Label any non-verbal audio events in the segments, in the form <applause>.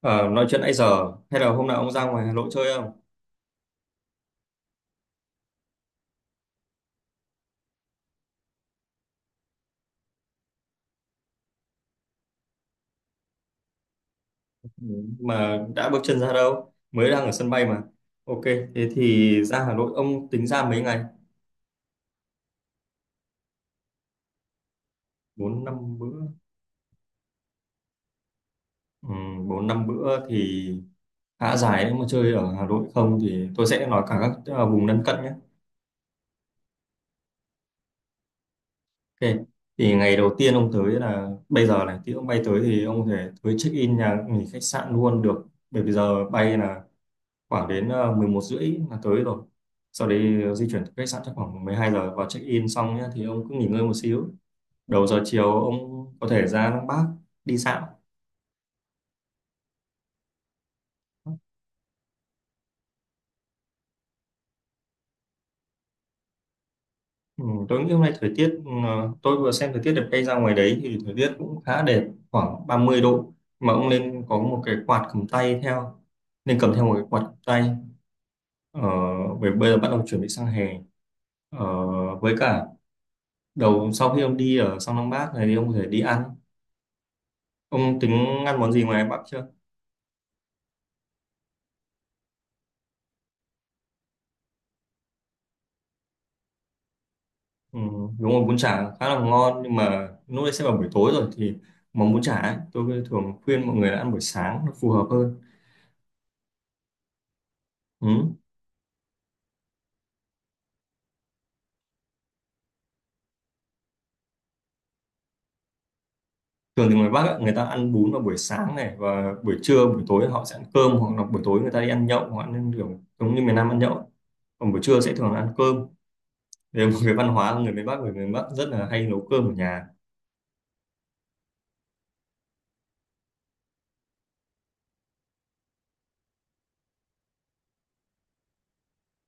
Ờ, nói chuyện nãy giờ hay là hôm nào ông ra ngoài Hà Nội chơi không? Ừ, mà đã bước chân ra đâu? Mới đang ở sân bay mà. Ok, thế thì ra Hà Nội ông tính ra mấy ngày? 4 5 bữa. Ừ, 4 5 bữa thì khá dài đấy, mà chơi ở Hà Nội không thì tôi sẽ nói cả các vùng lân cận nhé. Ok. Thì ngày đầu tiên ông tới là bây giờ này, tí ông bay tới thì ông có thể tới check in nhà nghỉ khách sạn luôn được. Bởi vì giờ bay là khoảng đến 11 rưỡi là tới rồi, sau đấy di chuyển tới khách sạn chắc khoảng 12 giờ vào check in xong nhé, thì ông cứ nghỉ ngơi một xíu. Đầu giờ chiều ông có thể ra Lăng Bác đi dạo. Ừ, tôi nghĩ hôm nay thời tiết tôi vừa xem thời tiết đẹp, cây ra ngoài đấy thì thời tiết cũng khá đẹp, khoảng 30 độ. Mà ông nên có một cái quạt cầm tay theo, nên cầm theo một cái quạt cầm tay. ờ, Bởi bây giờ bắt đầu chuẩn bị sang hè. ờ, với cả đầu sau khi ông đi ở sang Lăng Bác này thì ông có thể đi ăn. Ông tính ăn món gì ngoài Bắc chưa? Ừ, đúng rồi, bún chả khá là ngon, nhưng mà lúc đấy sẽ vào buổi tối rồi thì món bún chả ấy, tôi thường khuyên mọi người là ăn buổi sáng nó phù hợp hơn. Ừ. Thường thì người Bắc ấy, người ta ăn bún vào buổi sáng này, và buổi trưa buổi tối họ sẽ ăn cơm, hoặc là buổi tối người ta đi ăn nhậu hoặc ăn kiểu giống như miền Nam ăn nhậu ấy. Còn buổi trưa sẽ thường là ăn cơm. Đấy là một cái văn hóa của người miền Bắc, người miền Bắc rất là hay nấu cơm ở nhà.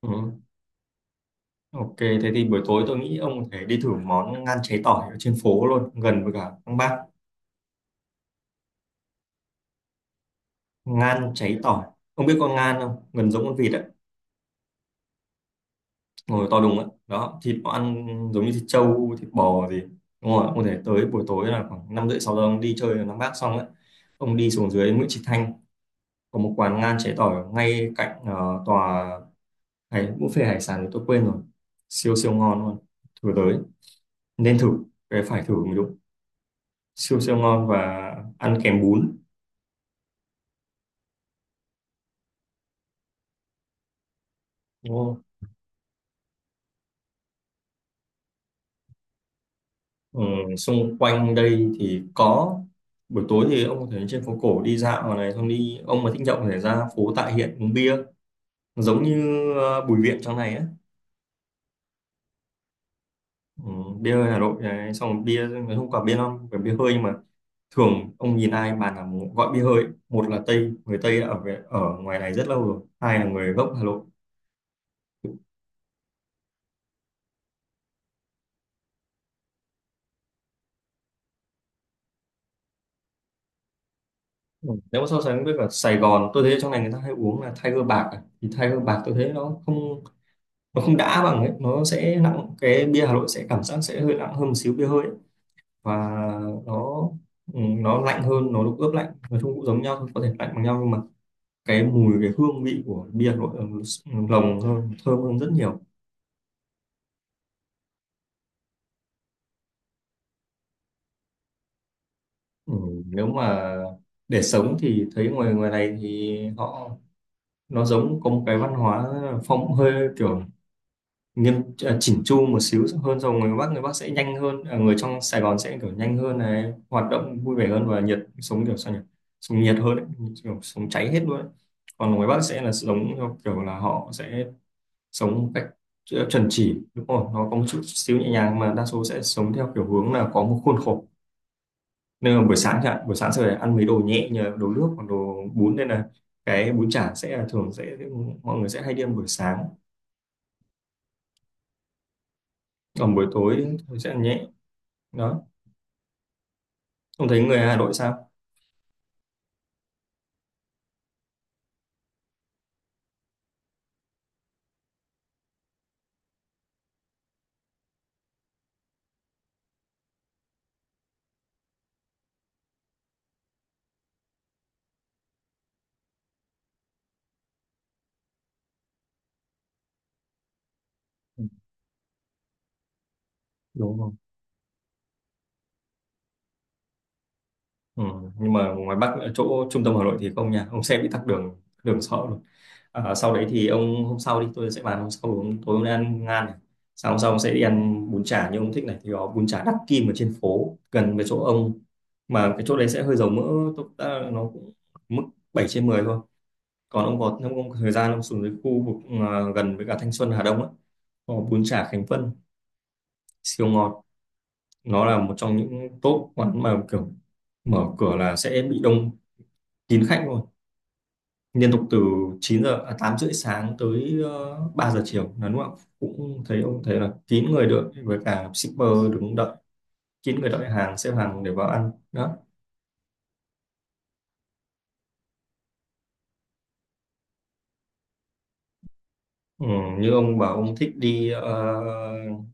Ừ. Ok, thế thì buổi tối tôi nghĩ ông có thể đi thử món ngan cháy tỏi ở trên phố luôn, gần với cả Lăng Bác. Ngan cháy tỏi, ông biết con ngan không, gần giống con vịt á. Ngồi to đùng á, đó thịt nó ăn giống như thịt trâu thịt bò gì. Đúng rồi, ông thể tới buổi tối là khoảng năm rưỡi sáu giờ, ông đi chơi ở Nam Bác xong ấy, ông đi xuống dưới Nguyễn Trí Thanh có một quán ngan cháy tỏi ngay cạnh tòa hải buffet hải sản thì tôi quên rồi. Siêu siêu ngon luôn. Thử tới. Nên thử. Cái phải thử mới đúng. Siêu siêu ngon, và ăn kèm bún. Đúng không? Ừ, xung quanh đây thì có buổi tối thì ông có thể lên trên phố cổ đi dạo ở này, xong đi, ông mà thích nhậu có thể ra phố Tạ Hiện uống bia, giống như Bùi Viện trong này á. Ừ, bia hơi Hà Nội đấy. Xong rồi bia nói không quả bia non phải bia hơi, nhưng mà thường ông nhìn ai bàn là gọi bia hơi, một là Tây, người Tây đã ở về, ở ngoài này rất lâu rồi, hai là người gốc Hà Nội. Ừ. Nếu mà so sánh với cả Sài Gòn, tôi thấy trong này người ta hay uống là Tiger bạc à. Thì Tiger bạc tôi thấy nó không, nó không đã bằng ấy, nó sẽ nặng, cái bia Hà Nội sẽ cảm giác sẽ hơi nặng hơn một xíu, bia hơi ấy. Và nó nó lạnh hơn, nó được ướp lạnh, nói chung cũng giống nhau thôi, có thể lạnh bằng nhau nhưng mà cái mùi, cái hương vị của bia Hà Nội lồng hơn, thơm hơn rất nhiều. Ừ, nếu mà để sống thì thấy ngoài ngoài này thì họ, nó giống có một cái văn hóa phong hơi kiểu nghiêm, à, chỉnh chu một xíu hơn. Rồi người Bắc sẽ nhanh hơn, à, người trong Sài Gòn sẽ kiểu nhanh hơn này, hoạt động vui vẻ hơn và nhiệt, sống kiểu sao nhỉ, sống nhiệt hơn ấy, kiểu sống cháy hết luôn ấy. Còn ngoài Bắc sẽ là giống theo kiểu là họ sẽ sống một cách chuẩn chỉ, đúng không? Nó có một chút xíu nhẹ nhàng, mà đa số sẽ sống theo kiểu hướng là có một khuôn khổ. Nên là buổi sáng chẳng hạn, buổi sáng sẽ phải ăn mấy đồ nhẹ như là đồ nước hoặc đồ bún, nên là cái bún chả sẽ là thường sẽ mọi người sẽ hay đi ăn buổi sáng. Còn buổi tối thì sẽ ăn nhẹ. Đó, không thấy người Hà Nội sao. Ừ, đúng rồi. Ừ, nhưng mà ngoài Bắc ở chỗ trung tâm Hà Nội thì không nha ông, xe bị tắc đường, đường sợ luôn. À, sau đấy thì ông hôm sau đi tôi sẽ bàn, hôm sau ông, tối ông đi ăn ngan này. Sau hôm sau ông sẽ đi ăn bún chả như ông thích này, thì có bún chả Đắc Kim ở trên phố gần với chỗ ông, mà cái chỗ đấy sẽ hơi dầu mỡ. Tốt, à, nó cũng mức 7 trên 10 thôi. Còn ông có, nếu ông có thời gian, ông xuống dưới khu vực, à, gần với cả Thanh Xuân Hà Đông á, có bún chả Khánh Vân siêu ngọt. Nó là một trong những top quán mà kiểu mở cửa là sẽ bị đông kín khách luôn. Liên tục từ 9 giờ, à, 8 rưỡi sáng tới 3 giờ chiều là đúng không? Ạ? Cũng thấy ông thấy là kín người đợi với cả shipper đứng đợi, kín người đợi hàng, xếp hàng để vào ăn đó. Ừ, như ông bảo ông thích đi,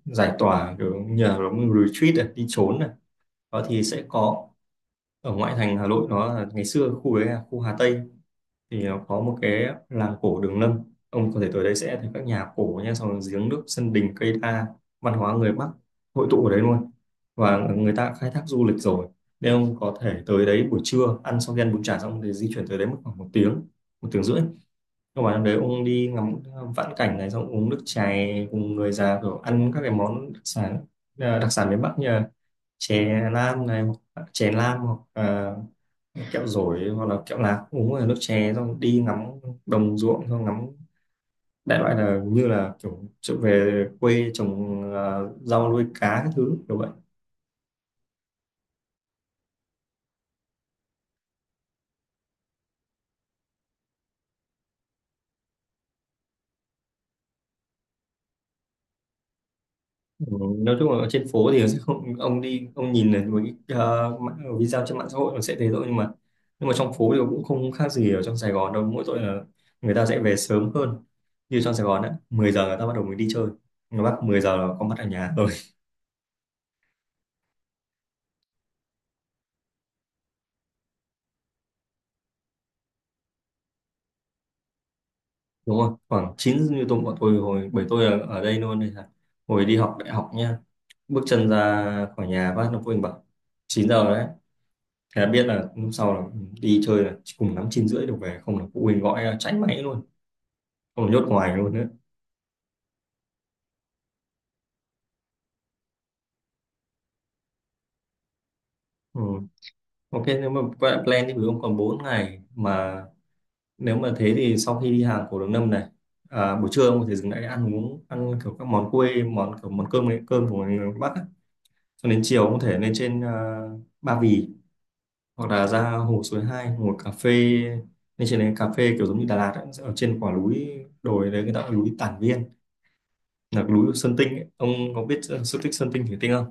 giải tỏa kiểu nhờ nó retreat này, đi trốn này, đó thì sẽ có ở ngoại thành Hà Nội, nó là ngày xưa khu đấy là khu Hà Tây, thì nó có một cái làng cổ Đường Lâm. Ông có thể tới đấy sẽ thấy các nhà cổ nha, xong rồi giếng nước sân đình cây đa, văn hóa người Bắc hội tụ ở đấy luôn, và người ta khai thác du lịch rồi. Nên ông có thể tới đấy buổi trưa, ăn xong khi ăn bún chả xong thì di chuyển tới đấy mất khoảng 1 tiếng, 1 tiếng rưỡi. Nhưng mà đấy ông đi ngắm vãn cảnh này, xong uống nước chè cùng người già rồi ăn các cái món đặc sản, à, đặc sản miền Bắc như là chè lam này, chè lam hoặc à, kẹo dổi hoặc là kẹo lạc, uống là nước chè, xong đi ngắm đồng ruộng, xong ngắm, đại loại là như là kiểu trở về quê trồng à, rau nuôi cá các thứ kiểu vậy. Ừ, nói chung là ở trên phố thì <laughs> sẽ không, ông đi ông nhìn là một cái video trên mạng xã hội nó sẽ thế thôi, nhưng mà trong phố thì cũng không khác gì ở trong Sài Gòn đâu, mỗi tội là người ta sẽ về sớm hơn. Như trong Sài Gòn á, 10 giờ người ta bắt đầu mới đi chơi, người Bắc 10 giờ là có mặt ở nhà. Đúng rồi, khoảng chín, như bọn tôi hồi bởi tôi ở đây luôn, đây là hồi đi học đại học nha, bước chân ra khỏi nhà phát nó phụ huynh bảo 9 giờ rồi đấy, thế là biết là hôm sau là đi chơi là chỉ cùng lắm 9 rưỡi được về, không là phụ huynh gọi là cháy máy luôn, không là nhốt ngoài luôn nữa. Ừ. Ok, nếu mà quay lại plan thì ví dụ ông còn 4 ngày mà, nếu mà thế thì sau khi đi hàng cổ Đường Lâm này, à, buổi trưa ông có thể dừng lại ăn uống, ăn kiểu các món quê món kiểu món cơm, cơm của người Bắc á. Cho đến chiều ông có thể lên trên, à, Ba Vì hoặc là ra hồ Suối Hai, hồ cà phê, nên trên đấy cà phê kiểu giống như Đà Lạt ấy, sẽ ở trên quả núi đồi đấy, người ta gọi là núi Tản Viên, là cái núi Sơn Tinh ấy. Ông có biết sự tích Sơn Tinh Thủy Tinh không?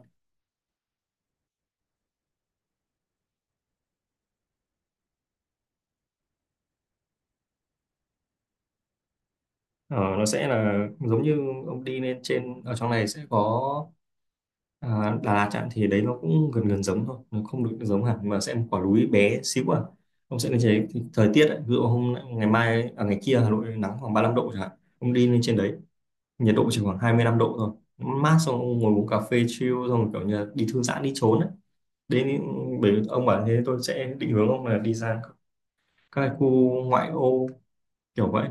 Ờ, nó sẽ là giống như ông đi lên trên, ở trong này sẽ có, à, Đà Lạt chẳng thì đấy nó cũng gần gần giống thôi, nó không được giống hẳn, mà sẽ một quả núi bé xíu. À, ông sẽ lên trên đấy thì thời tiết ấy, ví dụ hôm ngày mai à, ngày kia Hà Nội nắng khoảng 35 độ chẳng hạn, ông đi lên trên đấy nhiệt độ chỉ khoảng 25 độ thôi. Mát, xong ông ngồi uống cà phê chill xong rồi kiểu như là đi thư giãn đi trốn ấy. Đến những, bởi vì ông bảo thế tôi sẽ định hướng ông là đi ra các cái khu ngoại ô kiểu vậy.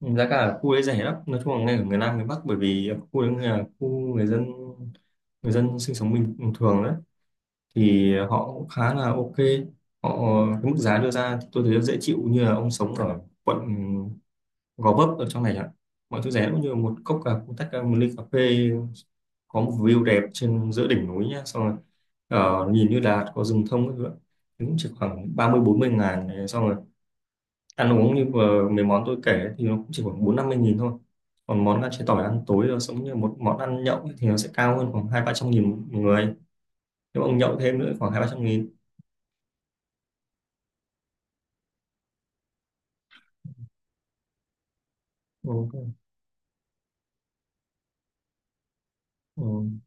Giá cả ở khu đấy rẻ lắm, nói chung là ngay ở miền Nam miền Bắc, bởi vì khu đấy là khu người dân, người dân sinh sống bình thường đấy, thì họ cũng khá là ok, họ cái mức giá đưa ra thì tôi thấy dễ chịu, như là ông sống ở quận Gò Vấp ở trong này chẳng hạn, mọi thứ rẻ, cũng như một cốc cà một tách cà, một ly cà phê có một view đẹp trên giữa đỉnh núi nhá, xong rồi nhìn như là có rừng thông các thứ ạ. Thì cũng chỉ khoảng 30 40 ngàn này. Xong rồi ăn uống như vừa mấy món tôi kể ấy, thì nó cũng chỉ khoảng 40 50 nghìn thôi. Còn món ăn chế tỏi ăn tối rồi giống như một món ăn nhậu ấy, thì nó sẽ cao hơn khoảng 200 300 nghìn một người, nếu ông nhậu thêm nữa khoảng 200 300 nghìn. Ừ. Ừ,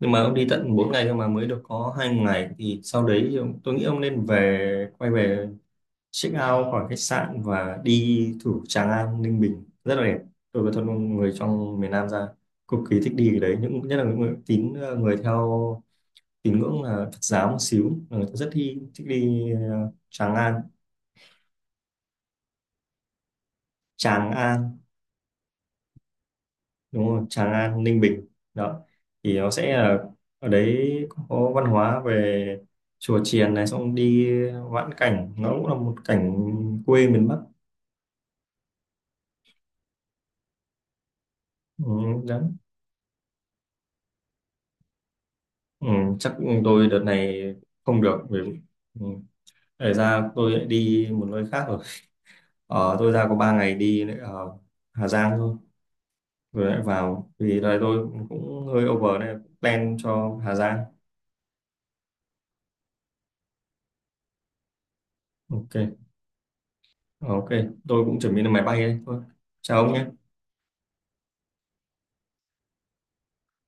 nhưng mà ông đi tận 4 ngày cơ mà mới được có 2 ngày thì sau đấy thì ông, tôi nghĩ ông nên về, quay về check out khỏi khách sạn và đi thủ Tràng An Ninh Bình rất là đẹp. Tôi có thân người trong miền Nam ra cực kỳ thích đi cái đấy, những nhất là những người tín, người theo tín ngưỡng là Phật giáo một xíu là người ta rất thích đi Tràng An, Tràng An. Đúng rồi, Tràng An Ninh Bình. Đó, thì nó sẽ là ở đấy có văn hóa về chùa chiền này, xong đi vãn cảnh nó cũng là một cảnh quê miền Bắc. Ừ, đó. Ừ, chắc tôi đợt này không được vì ừ, để ra tôi lại đi một nơi khác rồi. Tôi ra có 3 ngày đi lại ở Hà Giang thôi, rồi lại vào vì đợt này tôi cũng hơi over nên plan cho Hà Giang. Ok. Ờ, ok, tôi cũng chuẩn bị lên máy bay đây thôi, chào ông nhé